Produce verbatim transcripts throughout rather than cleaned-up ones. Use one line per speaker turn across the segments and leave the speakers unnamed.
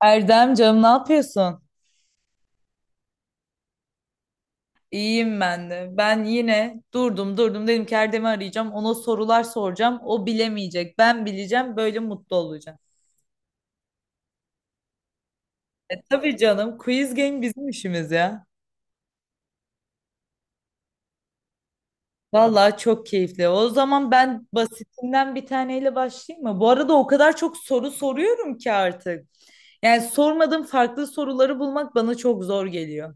Erdem canım ne yapıyorsun? İyiyim ben de. Ben yine durdum durdum dedim ki Erdem'i arayacağım. Ona sorular soracağım. O bilemeyecek. Ben bileceğim. Böyle mutlu olacağım. E tabii canım. Quiz game bizim işimiz ya. Vallahi çok keyifli. O zaman ben basitinden bir taneyle başlayayım mı? Bu arada o kadar çok soru soruyorum ki artık. Yani sormadığım farklı soruları bulmak bana çok zor geliyor.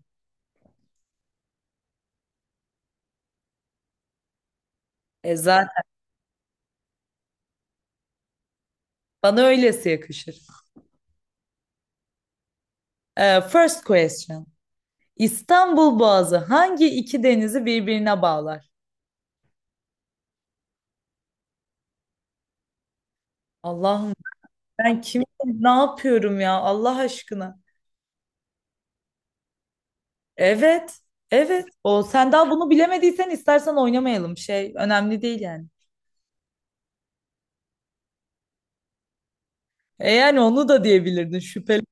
E zaten bana öylesi yakışır. E, first question. İstanbul Boğazı hangi iki denizi birbirine bağlar? Allah'ım, ben kim ne yapıyorum ya Allah aşkına. Evet, evet. O sen daha bunu bilemediysen istersen oynamayalım. Şey önemli değil yani. E yani onu da diyebilirdin, şüpheli.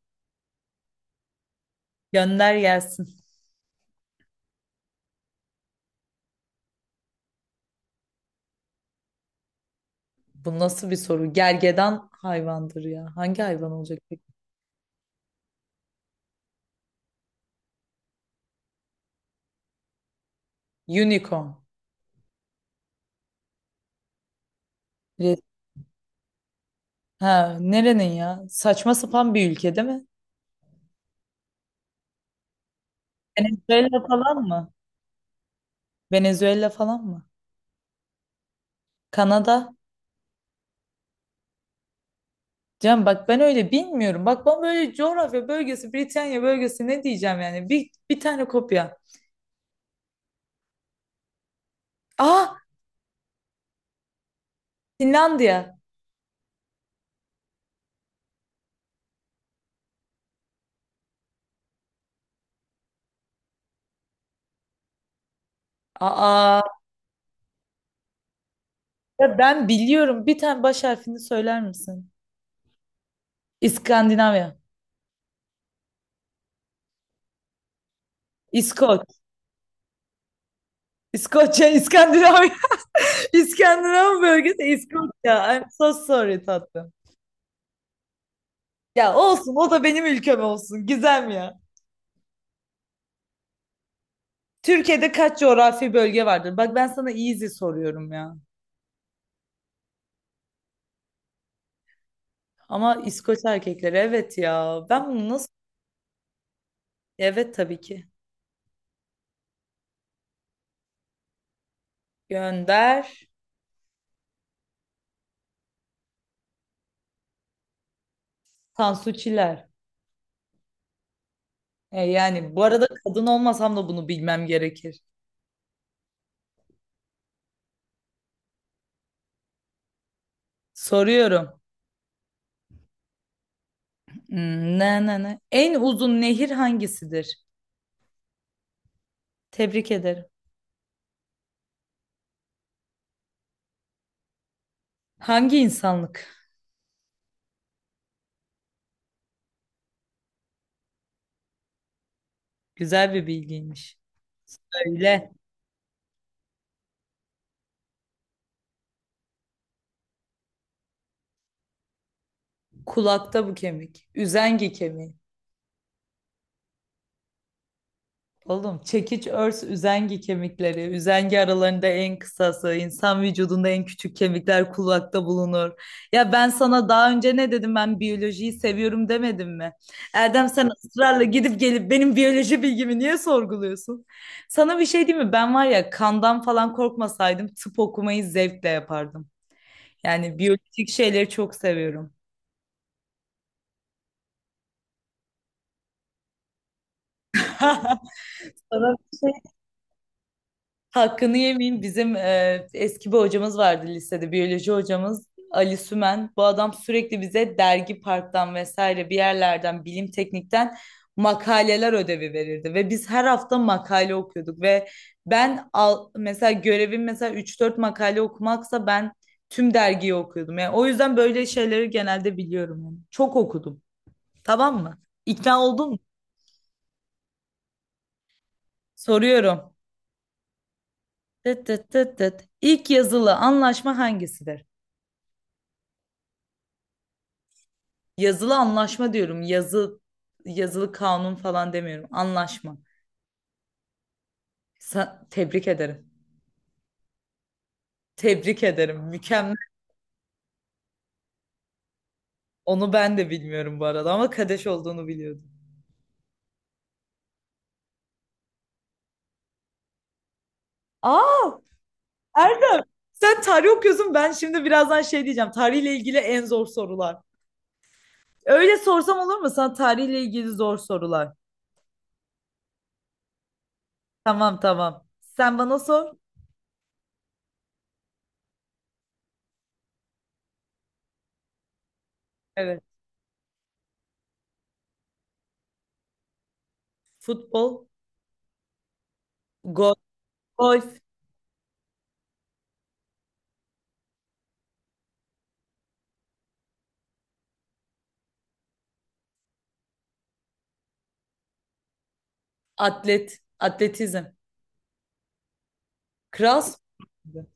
Gönder gelsin. Bu nasıl bir soru? Gergedan hayvandır ya. Hangi hayvan olacak peki? Unicorn. Re- Ha, nerenin ya? Saçma sapan bir ülke değil mi? Venezuela falan mı? Venezuela falan mı? Kanada? Can bak, ben öyle bilmiyorum. Bak, ben böyle coğrafya bölgesi, Britanya bölgesi, ne diyeceğim yani? Bir, bir tane kopya. Aa, Finlandiya. Aa, ya ben biliyorum. Bir tane baş harfini söyler misin? İskandinavya. İskoç. İskoçya, İskandinavya. İskandinav bölgesi İskoçya. I'm so sorry, tatlım. Ya olsun, o da benim ülkem olsun. Gizem ya. Türkiye'de kaç coğrafi bölge vardır? Bak, ben sana easy soruyorum ya. Ama İskoç erkekleri, evet ya. Ben bunu nasıl... Evet, tabii ki. Gönder. Tansu Çiller. E, yani bu arada kadın olmasam da bunu bilmem gerekir. Soruyorum. Hmm, ne ne ne? En uzun nehir hangisidir? Tebrik ederim. Hangi insanlık? Güzel bir bilgiymiş. Öyle. Kulakta bu kemik. Üzengi kemiği. Oğlum, çekiç, örs, üzengi kemikleri. Üzengi aralarında en kısası. İnsan vücudunda en küçük kemikler kulakta bulunur. Ya ben sana daha önce ne dedim, ben biyolojiyi seviyorum demedim mi? Erdem, sen ısrarla gidip gelip benim biyoloji bilgimi niye sorguluyorsun? Sana bir şey diyeyim mi? Ben var ya, kandan falan korkmasaydım tıp okumayı zevkle yapardım. Yani biyolojik şeyleri çok seviyorum. Sana hakkını yemeyeyim, bizim e, eski bir hocamız vardı lisede, biyoloji hocamız Ali Sümen. Bu adam sürekli bize dergi parktan vesaire bir yerlerden, bilim teknikten makaleler ödevi verirdi ve biz her hafta makale okuyorduk ve ben, al, mesela görevim, mesela üç dört makale okumaksa ben tüm dergiyi okuyordum. Yani o yüzden böyle şeyleri genelde biliyorum, yani. Çok okudum. Tamam mı? İkna oldun mu? Soruyorum. Tıt tıt tıt tıt. İlk yazılı anlaşma hangisidir? Yazılı anlaşma diyorum. Yazı, yazılı kanun falan demiyorum. Anlaşma. Sa- tebrik ederim. Tebrik ederim. Mükemmel. Onu ben de bilmiyorum bu arada, ama Kadeş olduğunu biliyordum. Aa, Erdem. Sen tarih okuyorsun. Ben şimdi birazdan şey diyeceğim. Tarihle ilgili en zor sorular. Öyle sorsam olur mu? Sana tarihle ilgili zor sorular. Tamam tamam. Sen bana sor. Evet. Futbol, gol, golf, atlet, atletizm. Kral sporu.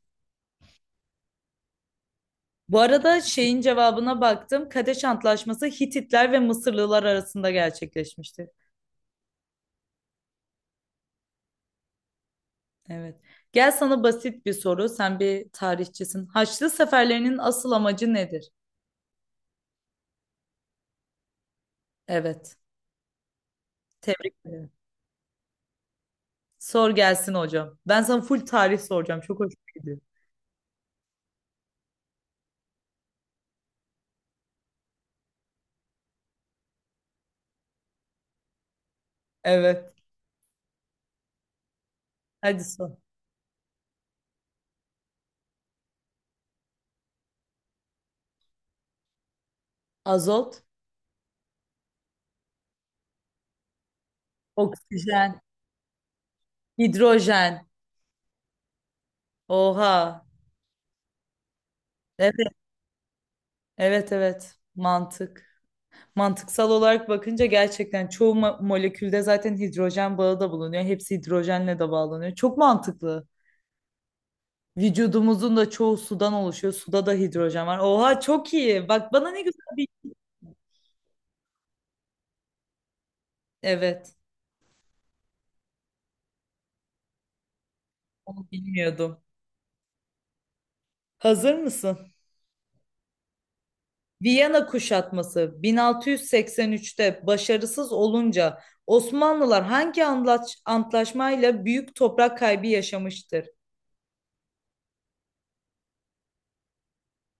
Bu arada şeyin cevabına baktım. Kadeş Antlaşması Hititler ve Mısırlılar arasında gerçekleşmişti. Evet. Gel, sana basit bir soru. Sen bir tarihçisin. Haçlı seferlerinin asıl amacı nedir? Evet. Tebrik ederim. Sor gelsin hocam. Ben sana full tarih soracağım. Çok hoşuma gidiyor. Evet. Hadi sor. Azot, oksijen, hidrojen. Oha. Evet, evet, evet. Mantık. Mantıksal olarak bakınca gerçekten çoğu mo- molekülde zaten hidrojen bağı da bulunuyor. Hepsi hidrojenle de bağlanıyor. Çok mantıklı. Vücudumuzun da çoğu sudan oluşuyor. Suda da hidrojen var. Oha, çok iyi. Bak bana ne güzel bir... Evet, onu bilmiyordum. Hazır mısın? Viyana kuşatması bin altı yüz seksen üçte başarısız olunca Osmanlılar hangi anlaç- antlaşmayla büyük toprak kaybı yaşamıştır?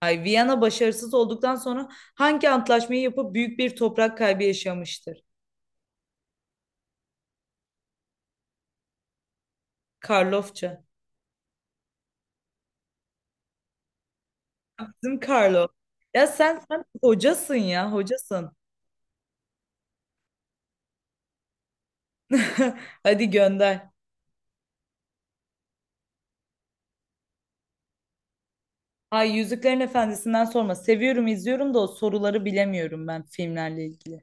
Ay, Viyana başarısız olduktan sonra hangi antlaşmayı yapıp büyük bir toprak kaybı yaşamıştır? Karlofça. Bizim Karlo. Ya sen sen hocasın ya, hocasın. Hadi gönder. Ay, Yüzüklerin Efendisi'nden sorma. Seviyorum, izliyorum da o soruları bilemiyorum ben filmlerle ilgili.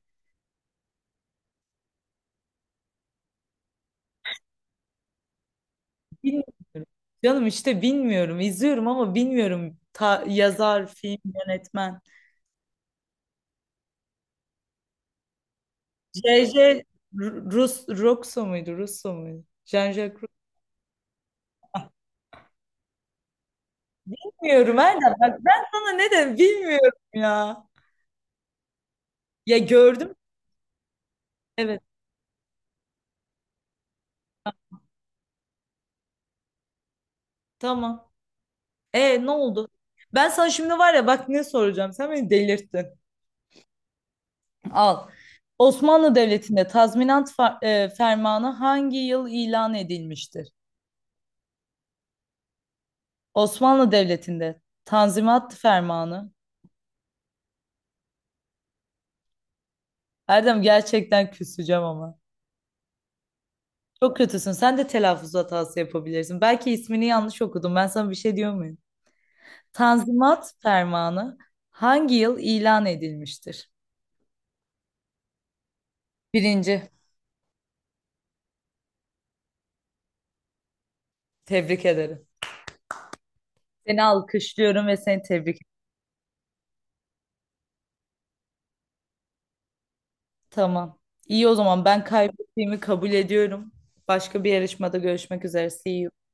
Bilmiyorum. Canım işte bilmiyorum. İzliyorum ama bilmiyorum. Ta- yazar, film, yönetmen. J J. Rus Roxo muydu? Russo muydu? Jean-Jacques... Bilmiyorum Erdem. Bak ben sana ne dedim, bilmiyorum ya. Ya, gördüm. Evet, tamam. E ne oldu? Ben sana şimdi var ya, bak ne soracağım. Sen beni delirttin. Al. Osmanlı Devleti'nde tazminat fa- e, fermanı hangi yıl ilan edilmiştir? Osmanlı Devleti'nde Tanzimat Fermanı. Erdem, gerçekten küseceğim ama. Çok kötüsün. Sen de telaffuz hatası yapabilirsin. Belki ismini yanlış okudum. Ben sana bir şey diyor muyum? Tanzimat Fermanı hangi yıl ilan edilmiştir? Birinci. Tebrik ederim. Seni alkışlıyorum ve seni tebrik ederim. Tamam. İyi, o zaman ben kaybettiğimi kabul ediyorum. Başka bir yarışmada görüşmek üzere. See you.